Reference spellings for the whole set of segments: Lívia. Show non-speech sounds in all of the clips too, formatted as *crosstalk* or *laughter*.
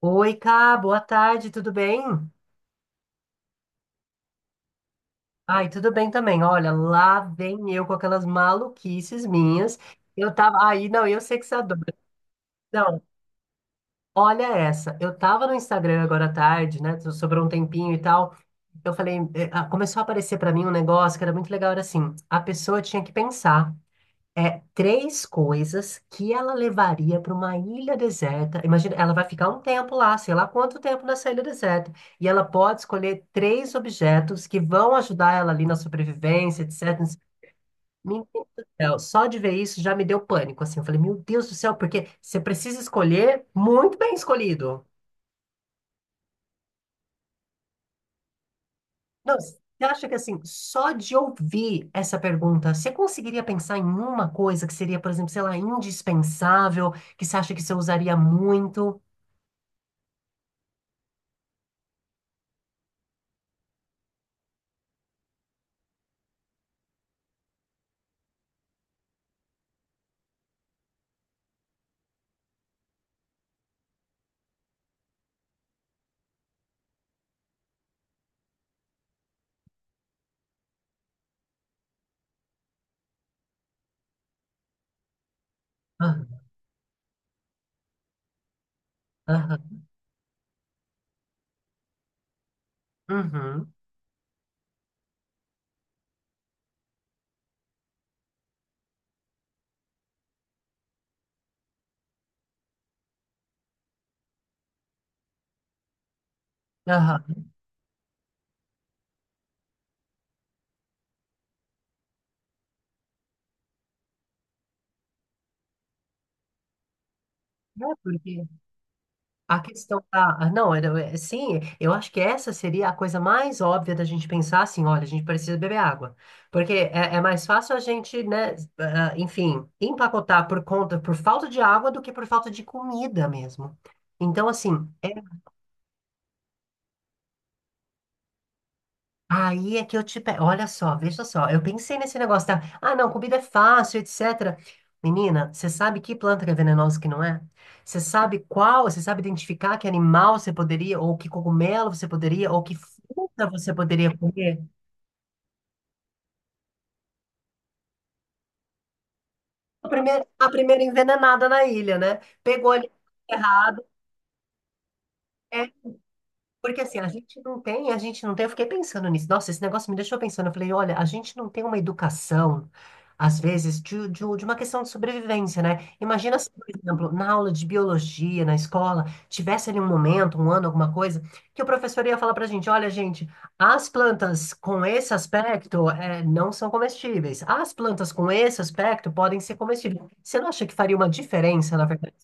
Oi, Cá, boa tarde, tudo bem? Ai, tudo bem também. Olha, lá vem eu com aquelas maluquices minhas. Eu tava. Aí, não, eu sei que você adora. Não, olha essa. Eu tava no Instagram agora à tarde, né? Sobrou um tempinho e tal. Eu falei, começou a aparecer pra mim um negócio que era muito legal, era assim, a pessoa tinha que pensar. É três coisas que ela levaria para uma ilha deserta. Imagina, ela vai ficar um tempo lá, sei lá quanto tempo nessa ilha deserta. E ela pode escolher três objetos que vão ajudar ela ali na sobrevivência, etc. Meu Deus do céu, só de ver isso já me deu pânico, assim. Eu falei, meu Deus do céu, porque você precisa escolher muito bem escolhido. Não, você acha que assim, só de ouvir essa pergunta, você conseguiria pensar em uma coisa que seria, por exemplo, sei lá, indispensável, que você acha que você usaria muito? Aham. Aham. Uhum. Aham. É porque a questão da. Não, é, sim, eu acho que essa seria a coisa mais óbvia da gente pensar assim: olha, a gente precisa beber água. Porque é mais fácil a gente, né, enfim, empacotar por conta, por falta de água do que por falta de comida mesmo. Então, assim. É. Aí é que eu te pego. Olha só, veja só. Eu pensei nesse negócio da. Ah, não, comida é fácil, etc. Menina, você sabe que planta que é venenosa e que não é? Você sabe qual? Você sabe identificar que animal você poderia, ou que cogumelo você poderia, ou que fruta você poderia comer? A primeira envenenada na ilha, né? Pegou ali. Porque assim, a gente não tem, eu fiquei pensando nisso. Nossa, esse negócio me deixou pensando. Eu falei, olha, a gente não tem uma educação, às vezes, de uma questão de sobrevivência, né? Imagina se, por exemplo, na aula de biologia, na escola, tivesse ali um momento, um ano, alguma coisa, que o professor ia falar pra gente, olha, gente, as plantas com esse aspecto não são comestíveis. As plantas com esse aspecto podem ser comestíveis. Você não acha que faria uma diferença, na verdade?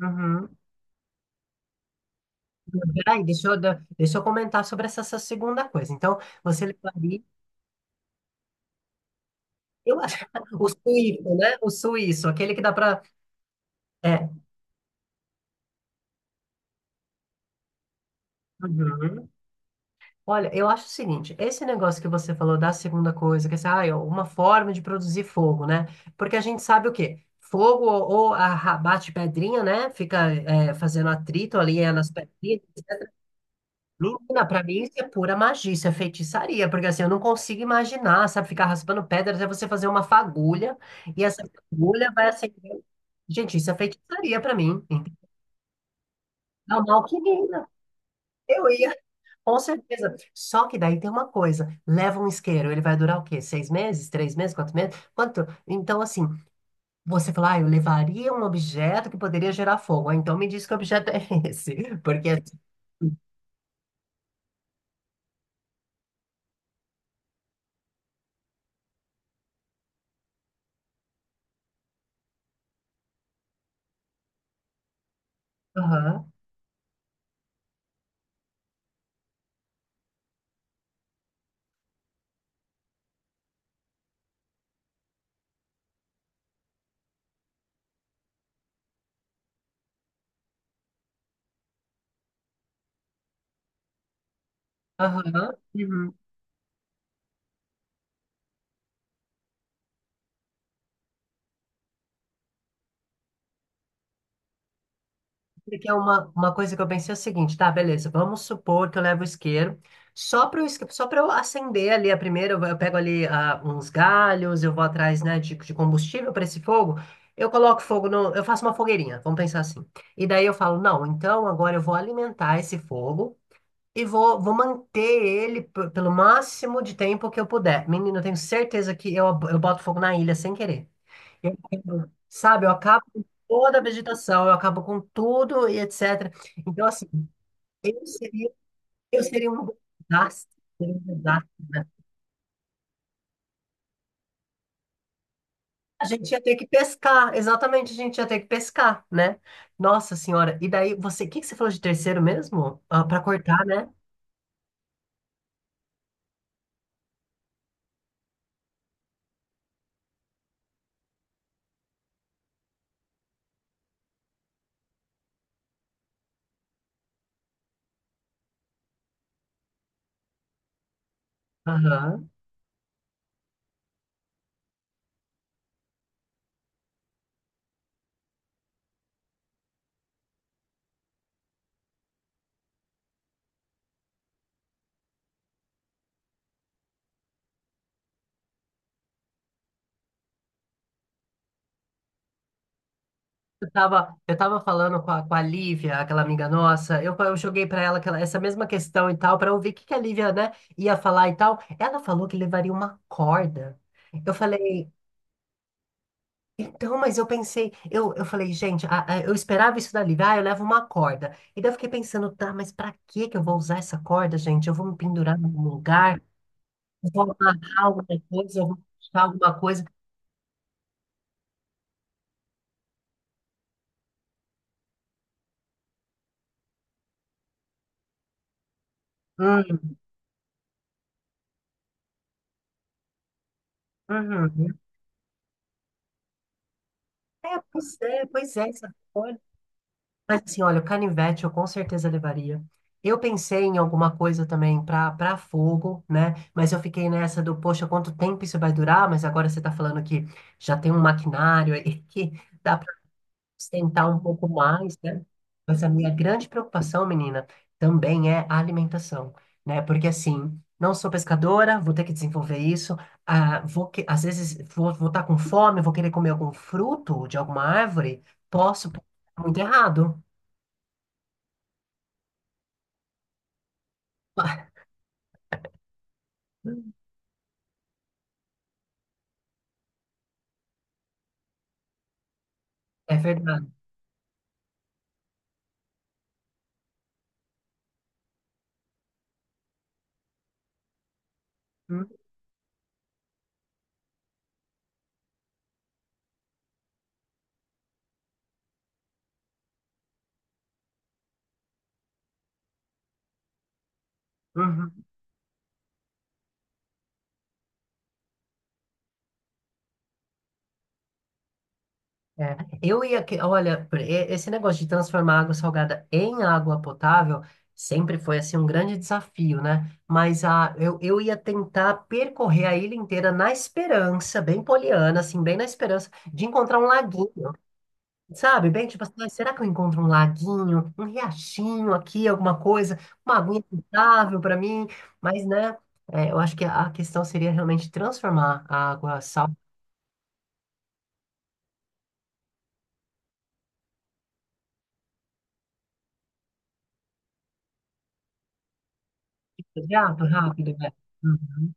Uhum. Peraí, deixa eu comentar sobre essa, essa segunda coisa. Então, você levaria, eu acho, *laughs* o suíço, né? O suíço, aquele que dá pra. É. Uhum. Olha, eu acho o seguinte, esse negócio que você falou da segunda coisa, que é assim, é uma forma de produzir fogo, né? Porque a gente sabe o quê? Fogo ou a- bate pedrinha, né? Fica fazendo atrito ali nas pedrinhas. Menina, pra mim isso é pura magia, isso é feitiçaria, porque assim, eu não consigo imaginar, sabe, ficar raspando pedra até você fazer uma fagulha, e essa fagulha vai acender. Gente, isso é feitiçaria pra mim, entendeu? É uma alquimia. Eu ia, com certeza. Só que daí tem uma coisa, leva um isqueiro, ele vai durar o quê? Seis meses? Três meses? Quatro meses? Quanto? Então, assim, você fala, ah, eu levaria um objeto que poderia gerar fogo. Ah, então me diz que objeto é esse, porque é assim. Aham. Aham. Uhum. Porque é uma coisa que eu pensei é o seguinte, tá, beleza, vamos supor que eu levo o isqueiro, só para só para eu acender ali a primeira, eu pego ali uns galhos, eu vou atrás, né, de combustível para esse fogo, eu coloco fogo no, eu faço uma fogueirinha, vamos pensar assim. E daí eu falo, não, então agora eu vou alimentar esse fogo e vou manter ele pelo máximo de tempo que eu puder. Menino, eu tenho certeza que eu boto fogo na ilha sem querer. Eu entendo. Sabe, eu acabo com toda a vegetação, eu acabo com tudo e etc. Então, assim, eu seria, eu seria um desastre, seria um desastre, né? A gente ia ter que pescar, exatamente, a gente ia ter que pescar, né? Nossa Senhora, e daí você, o que que você falou de terceiro mesmo? Ah, para cortar, né? Aham. Eu tava falando com a, Lívia, aquela amiga nossa, eu joguei pra ela aquela, essa mesma questão e tal, pra ouvir o que que a Lívia, né, ia falar e tal. Ela falou que levaria uma corda. Eu falei, então, mas eu pensei, eu falei, gente, eu esperava isso dali, ah, eu levo uma corda. E daí eu fiquei pensando, tá, mas pra que que eu vou usar essa corda, gente? Eu vou me pendurar num lugar, eu vou amarrar alguma coisa, eu vou puxar alguma coisa. Hum. Uhum. É, pois é, pois é, essa corda. Mas assim, olha, o canivete eu com certeza levaria. Eu pensei em alguma coisa também pra para fogo, né? Mas eu fiquei nessa do, poxa, quanto tempo isso vai durar? Mas agora você tá falando que já tem um maquinário aí *laughs* que. Dá sustentar um pouco mais, né? Mas a minha grande preocupação, menina, também é a alimentação, né? Porque assim, não sou pescadora, vou ter que desenvolver isso. Ah, vou que, às vezes vou estar com fome, vou querer comer algum fruto de alguma árvore, posso, muito errado. *laughs* É verdade. Uhum. É, eu ia que, olha, esse negócio de transformar água salgada em água potável sempre foi assim um grande desafio, né? Mas eu ia tentar percorrer a ilha inteira na esperança, bem poliana, assim, bem na esperança de encontrar um laguinho, sabe? Bem tipo assim, "Ai, será que eu encontro um laguinho, um riachinho aqui, alguma coisa, uma aguinha potável para mim?" Mas, né? É, eu acho que a questão seria realmente transformar a água salgada em água rápido, né? Uhum.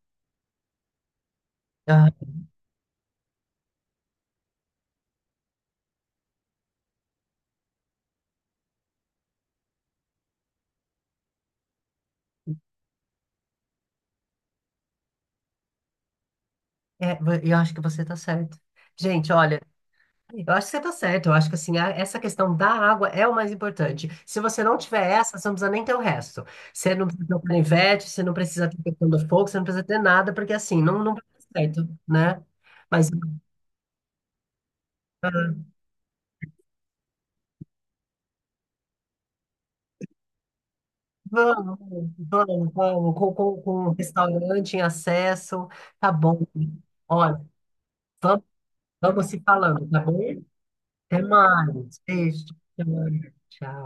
É, eu acho que você está certo. Gente, olha, eu acho que você está certo. Eu acho que assim, essa questão da água é o mais importante. Se você não tiver essa, você não precisa nem ter o resto. Você não precisa ter o canivete, você não precisa ter a questão do fogo, você não precisa ter nada, porque assim, não, não vai dar certo, né? Mas vamos, vamos, vamos, com restaurante em acesso, tá bom. Olha, vamos, vamos se falando, tá bom? Até mais. Beijo. Tchau. Tchau.